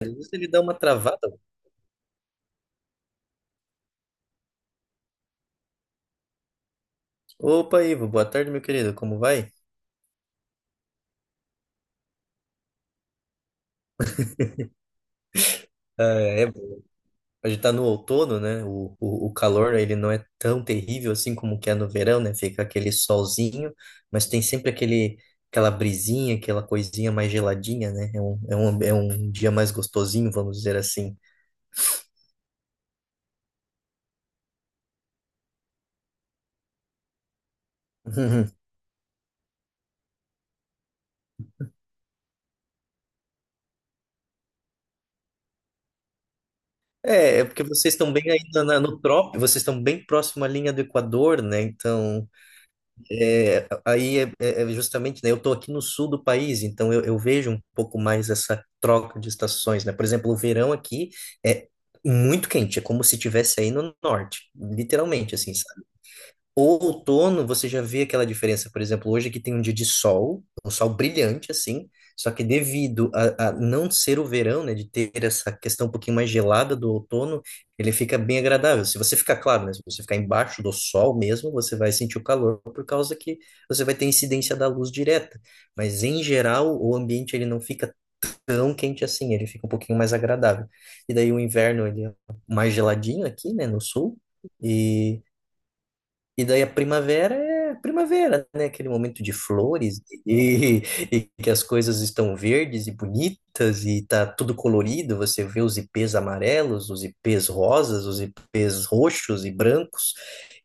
Às vezes Ele dá uma travada. Opa, Ivo, boa tarde, meu querido, como vai? Ah, é, a gente tá no outono, né? O calor, ele não é tão terrível assim como que é no verão, né? Fica aquele solzinho, mas tem sempre aquele, aquela brisinha, aquela coisinha mais geladinha, né? É um dia mais gostosinho, vamos dizer assim. É, é porque vocês estão bem ainda no trópico, vocês estão bem próximo à linha do Equador, né? Então, é, aí é, é justamente, né, eu estou aqui no sul do país, então eu vejo um pouco mais essa troca de estações, né? Por exemplo, o verão aqui é muito quente, é como se tivesse aí no norte, literalmente, assim, o outono, você já vê aquela diferença. Por exemplo, hoje aqui tem um dia de sol, um sol brilhante, assim, só que devido a não ser o verão, né, de ter essa questão um pouquinho mais gelada do outono, ele fica bem agradável. Se você ficar, claro, né, se você ficar embaixo do sol mesmo, você vai sentir o calor por causa que você vai ter incidência da luz direta. Mas, em geral, o ambiente ele não fica tão quente assim, ele fica um pouquinho mais agradável. E daí o inverno, ele é mais geladinho aqui, né, no sul, e... E daí a primavera é primavera, né? Aquele momento de flores e, e que as coisas estão verdes e bonitas e tá tudo colorido. Você vê os ipês amarelos, os ipês rosas, os ipês roxos e brancos.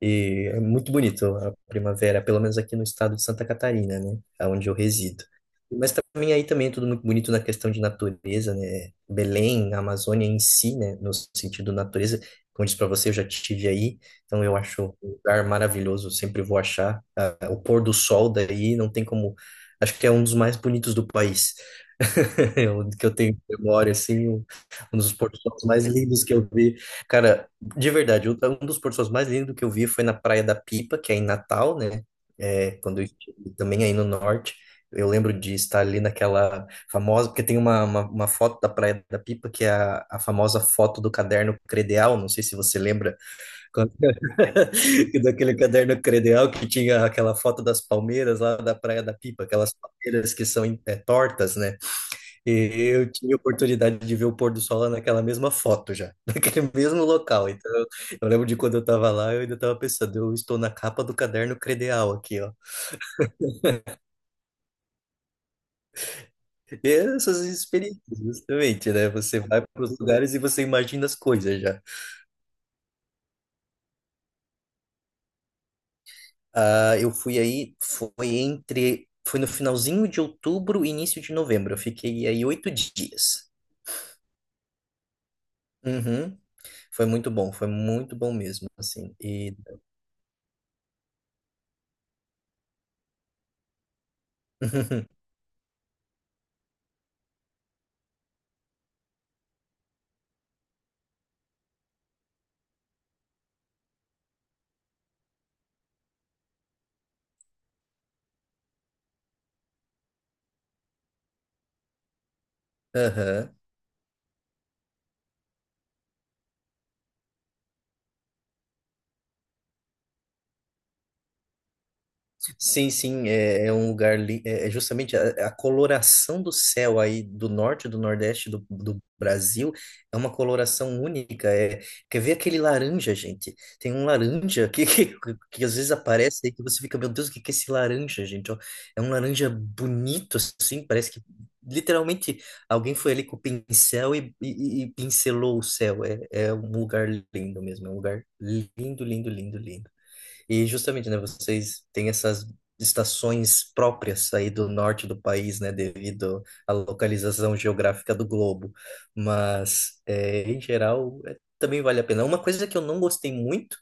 E é muito bonito a primavera, pelo menos aqui no estado de Santa Catarina, né? Onde eu resido. Mas também aí também é tudo muito bonito na questão de natureza, né? Belém, a Amazônia em si, né? No sentido natureza, como eu disse para você, eu já estive aí. Então eu acho lugar maravilhoso, eu sempre vou achar. Ah, o pôr do sol daí não tem como. Acho que é um dos mais bonitos do país. O que eu tenho memória, assim, um dos pôr do sol mais lindos que eu vi. Cara, de verdade, um dos pôr do sol mais lindos que eu vi foi na Praia da Pipa, que é em Natal, né? É, quando eu estive também aí no norte. Eu lembro de estar ali naquela famosa, porque tem uma foto da Praia da Pipa, que é a famosa foto do caderno credeal. Não sei se você lembra. Daquele caderno credencial que tinha aquela foto das palmeiras lá da Praia da Pipa, aquelas palmeiras que são é, tortas, né? E eu tive a oportunidade de ver o pôr do sol lá naquela mesma foto já, naquele mesmo local. Então, eu lembro de quando eu tava lá, eu ainda tava pensando, eu estou na capa do caderno credencial aqui, ó. E essas experiências, justamente, né? Você vai para os lugares e você imagina as coisas já. Ah, eu fui aí, foi entre, foi no finalzinho de outubro e início de novembro. Eu fiquei aí 8 dias. Uhum. Foi muito bom mesmo, assim. E, aham. Sim, sim, é, é um lugar, é é justamente a coloração do céu aí do norte, do nordeste do Brasil, é uma coloração única, é, quer ver aquele laranja, gente? Tem um laranja que, que às vezes aparece aí que você fica, meu Deus, o que que é esse laranja, gente? Ó, é um laranja bonito, assim, parece que literalmente alguém foi ali com o pincel e pincelou o céu, é, é um lugar lindo mesmo, é um lugar lindo, lindo, lindo, lindo. E justamente, né, vocês têm essas estações próprias aí do norte do país, né, devido à localização geográfica do globo. Mas, é, em geral, é, também vale a pena. Uma coisa que eu não gostei muito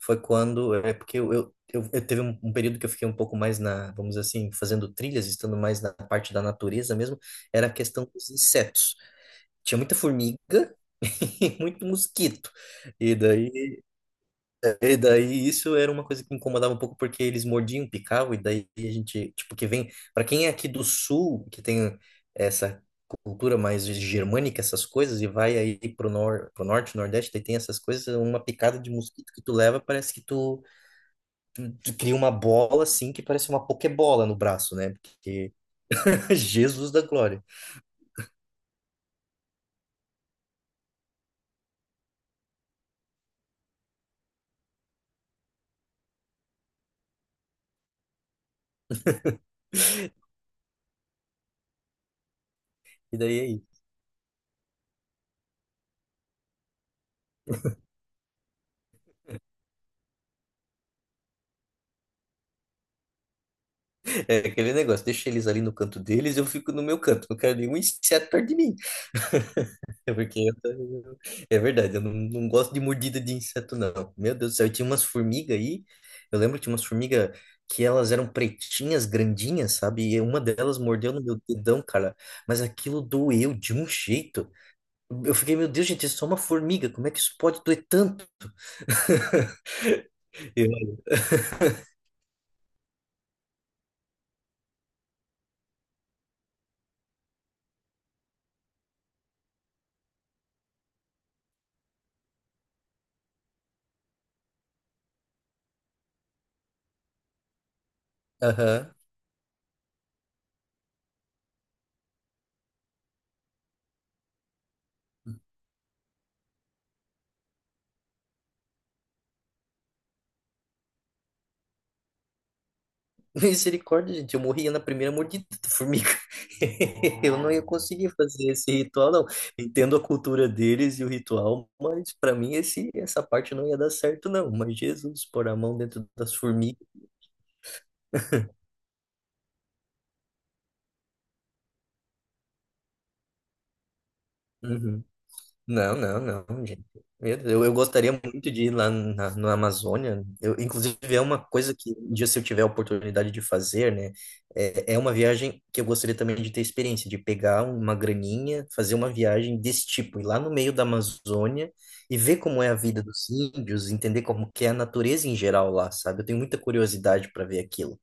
foi quando, é porque eu teve um período que eu fiquei um pouco mais na, vamos dizer assim, fazendo trilhas, estando mais na parte da natureza mesmo, era a questão dos insetos. Tinha muita formiga e muito mosquito. E daí e daí isso era uma coisa que incomodava um pouco porque eles mordiam, picavam, e daí a gente, tipo, que vem, para quem é aqui do sul, que tem essa cultura mais germânica, essas coisas, e vai aí pro, nor pro norte, nordeste, daí tem essas coisas, uma picada de mosquito que tu leva, parece que tu, tu cria uma bola assim, que parece uma pokebola no braço, né? Porque Jesus da glória. E daí aí, é aquele negócio, deixa eles ali no canto deles, eu fico no meu canto, não quero nenhum inseto perto de mim. É porque eu- é verdade, eu não, não gosto de mordida de inseto, não. Meu Deus do céu, eu tinha umas formigas aí. Eu lembro que tinha umas formigas que elas eram pretinhas, grandinhas, sabe? E uma delas mordeu no meu dedão, cara. Mas aquilo doeu de um jeito. Eu fiquei, meu Deus, gente, é só uma formiga. Como é que isso pode doer tanto? Eu, Aham. Misericórdia, gente, eu morria na primeira mordida da formiga. Eu não ia conseguir fazer esse ritual, não. Entendo a cultura deles e o ritual, mas para mim esse, essa parte não ia dar certo, não. Mas Jesus, pôr a mão dentro das formigas. Uhum. Não, não, não, gente. Meu Deus, eu gostaria muito de ir lá na Amazônia. Eu, inclusive, é uma coisa que, um dia, se eu tiver a oportunidade de fazer, né? É, é uma viagem que eu gostaria também de ter experiência, de pegar uma graninha, fazer uma viagem desse tipo, ir lá no meio da Amazônia e ver como é a vida dos índios, entender como que é a natureza em geral lá, sabe? Eu tenho muita curiosidade para ver aquilo.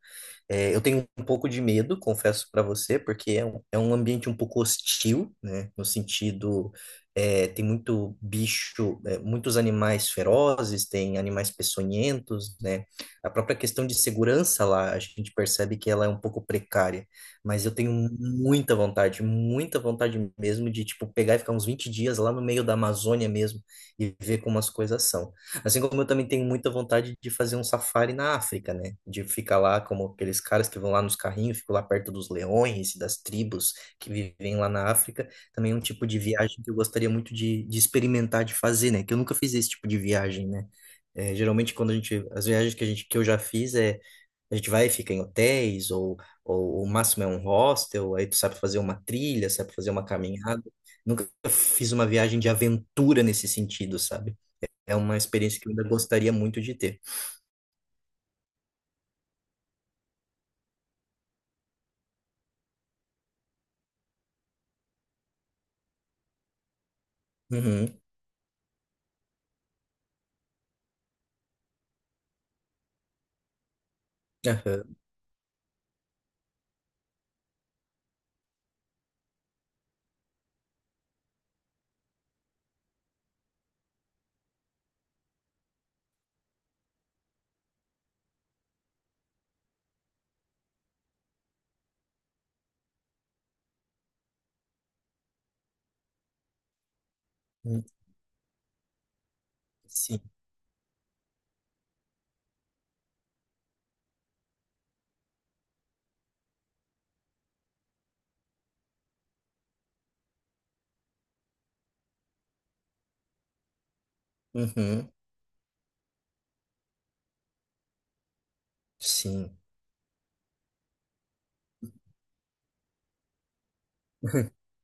É, eu tenho um pouco de medo, confesso para você, porque é um ambiente um pouco hostil, né? No sentido, é, tem muito bicho, é, muitos animais ferozes, tem animais peçonhentos, né? A própria questão de segurança lá, a gente percebe que ela é um pouco precária, mas eu tenho muita vontade mesmo de, tipo, pegar e ficar uns 20 dias lá no meio da Amazônia mesmo e ver como as coisas são. Assim como eu também tenho muita vontade de fazer um safari na África, né? De ficar lá como aqueles caras que vão lá nos carrinhos, ficam lá perto dos leões e das tribos que vivem lá na África. Também é um tipo de viagem que eu gostaria muito de experimentar, de fazer, né? Que eu nunca fiz esse tipo de viagem, né? É, geralmente quando a gente, as viagens que a gente, que eu já fiz é a gente vai e fica em hotéis ou o máximo é um hostel, aí tu sabe fazer uma trilha, sabe fazer uma caminhada. Nunca fiz uma viagem de aventura nesse sentido, sabe? É uma experiência que eu ainda gostaria muito de ter. Uhum. Aham. Hum, sim. Uhum. Sim.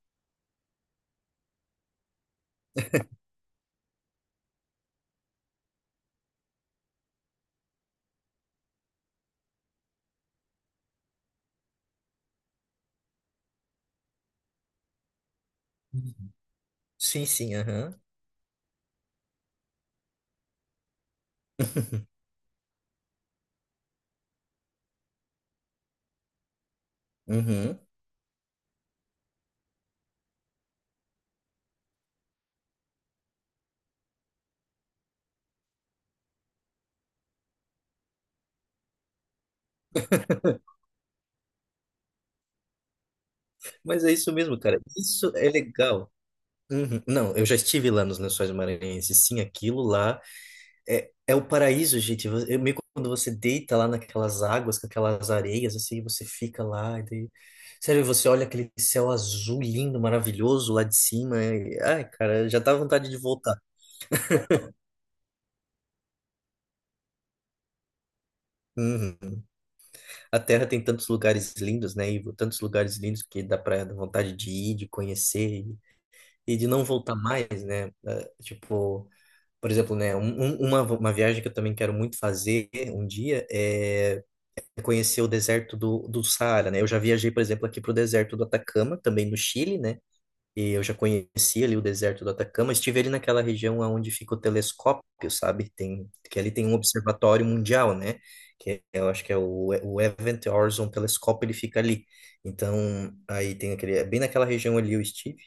Sim, sim, aham. Uhum. Mas é isso mesmo, cara. Isso é legal. Uhum. Não, eu já estive lá nos Lençóis Maranhenses. Sim, aquilo lá é, é o paraíso, gente. Eu, meio quando você deita lá naquelas águas, com aquelas areias, assim, você fica lá. E daí... Sério, você olha aquele céu azul lindo, maravilhoso lá de cima. Ai, cara, já dá vontade de voltar. Uhum. A Terra tem tantos lugares lindos, né, Ivo? Tantos lugares lindos que dá pra dar vontade de ir, de conhecer e de não voltar mais, né? Ah, tipo, por exemplo, né, uma viagem que eu também quero muito fazer um dia é conhecer o deserto do Saara, né? Eu já viajei, por exemplo, aqui pro deserto do Atacama, também no Chile, né? E eu já conheci ali o deserto do Atacama, estive ali naquela região onde fica o telescópio, sabe? Tem, que ali tem um observatório mundial, né? Eu acho que é o Event Horizon Telescope, ele fica ali. Então, aí tem aquele, é bem naquela região ali eu estive.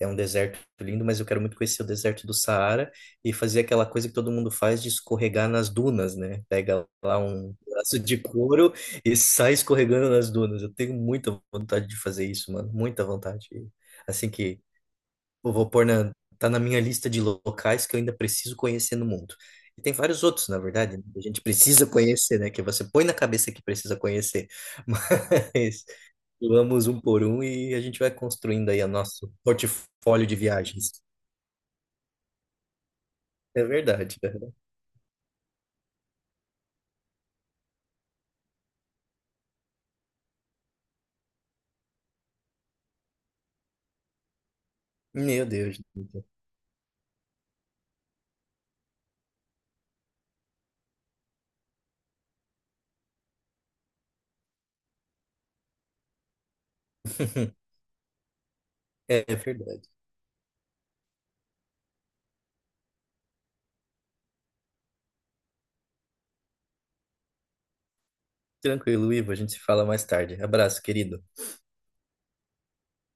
É um deserto lindo, mas eu quero muito conhecer o deserto do Saara e fazer aquela coisa que todo mundo faz de escorregar nas dunas, né? Pega lá um pedaço de couro e sai escorregando nas dunas. Eu tenho muita vontade de fazer isso, mano, muita vontade. Assim que vou pôr tá na minha lista de locais que eu ainda preciso conhecer no mundo. E tem vários outros, na verdade, né, que a gente precisa conhecer, né? Que você põe na cabeça que precisa conhecer. Mas vamos um por um e a gente vai construindo aí o nosso portfólio de viagens. É verdade, cara. Meu Deus. É verdade. Tranquilo, Ivo, a gente se fala mais tarde. Abraço, querido.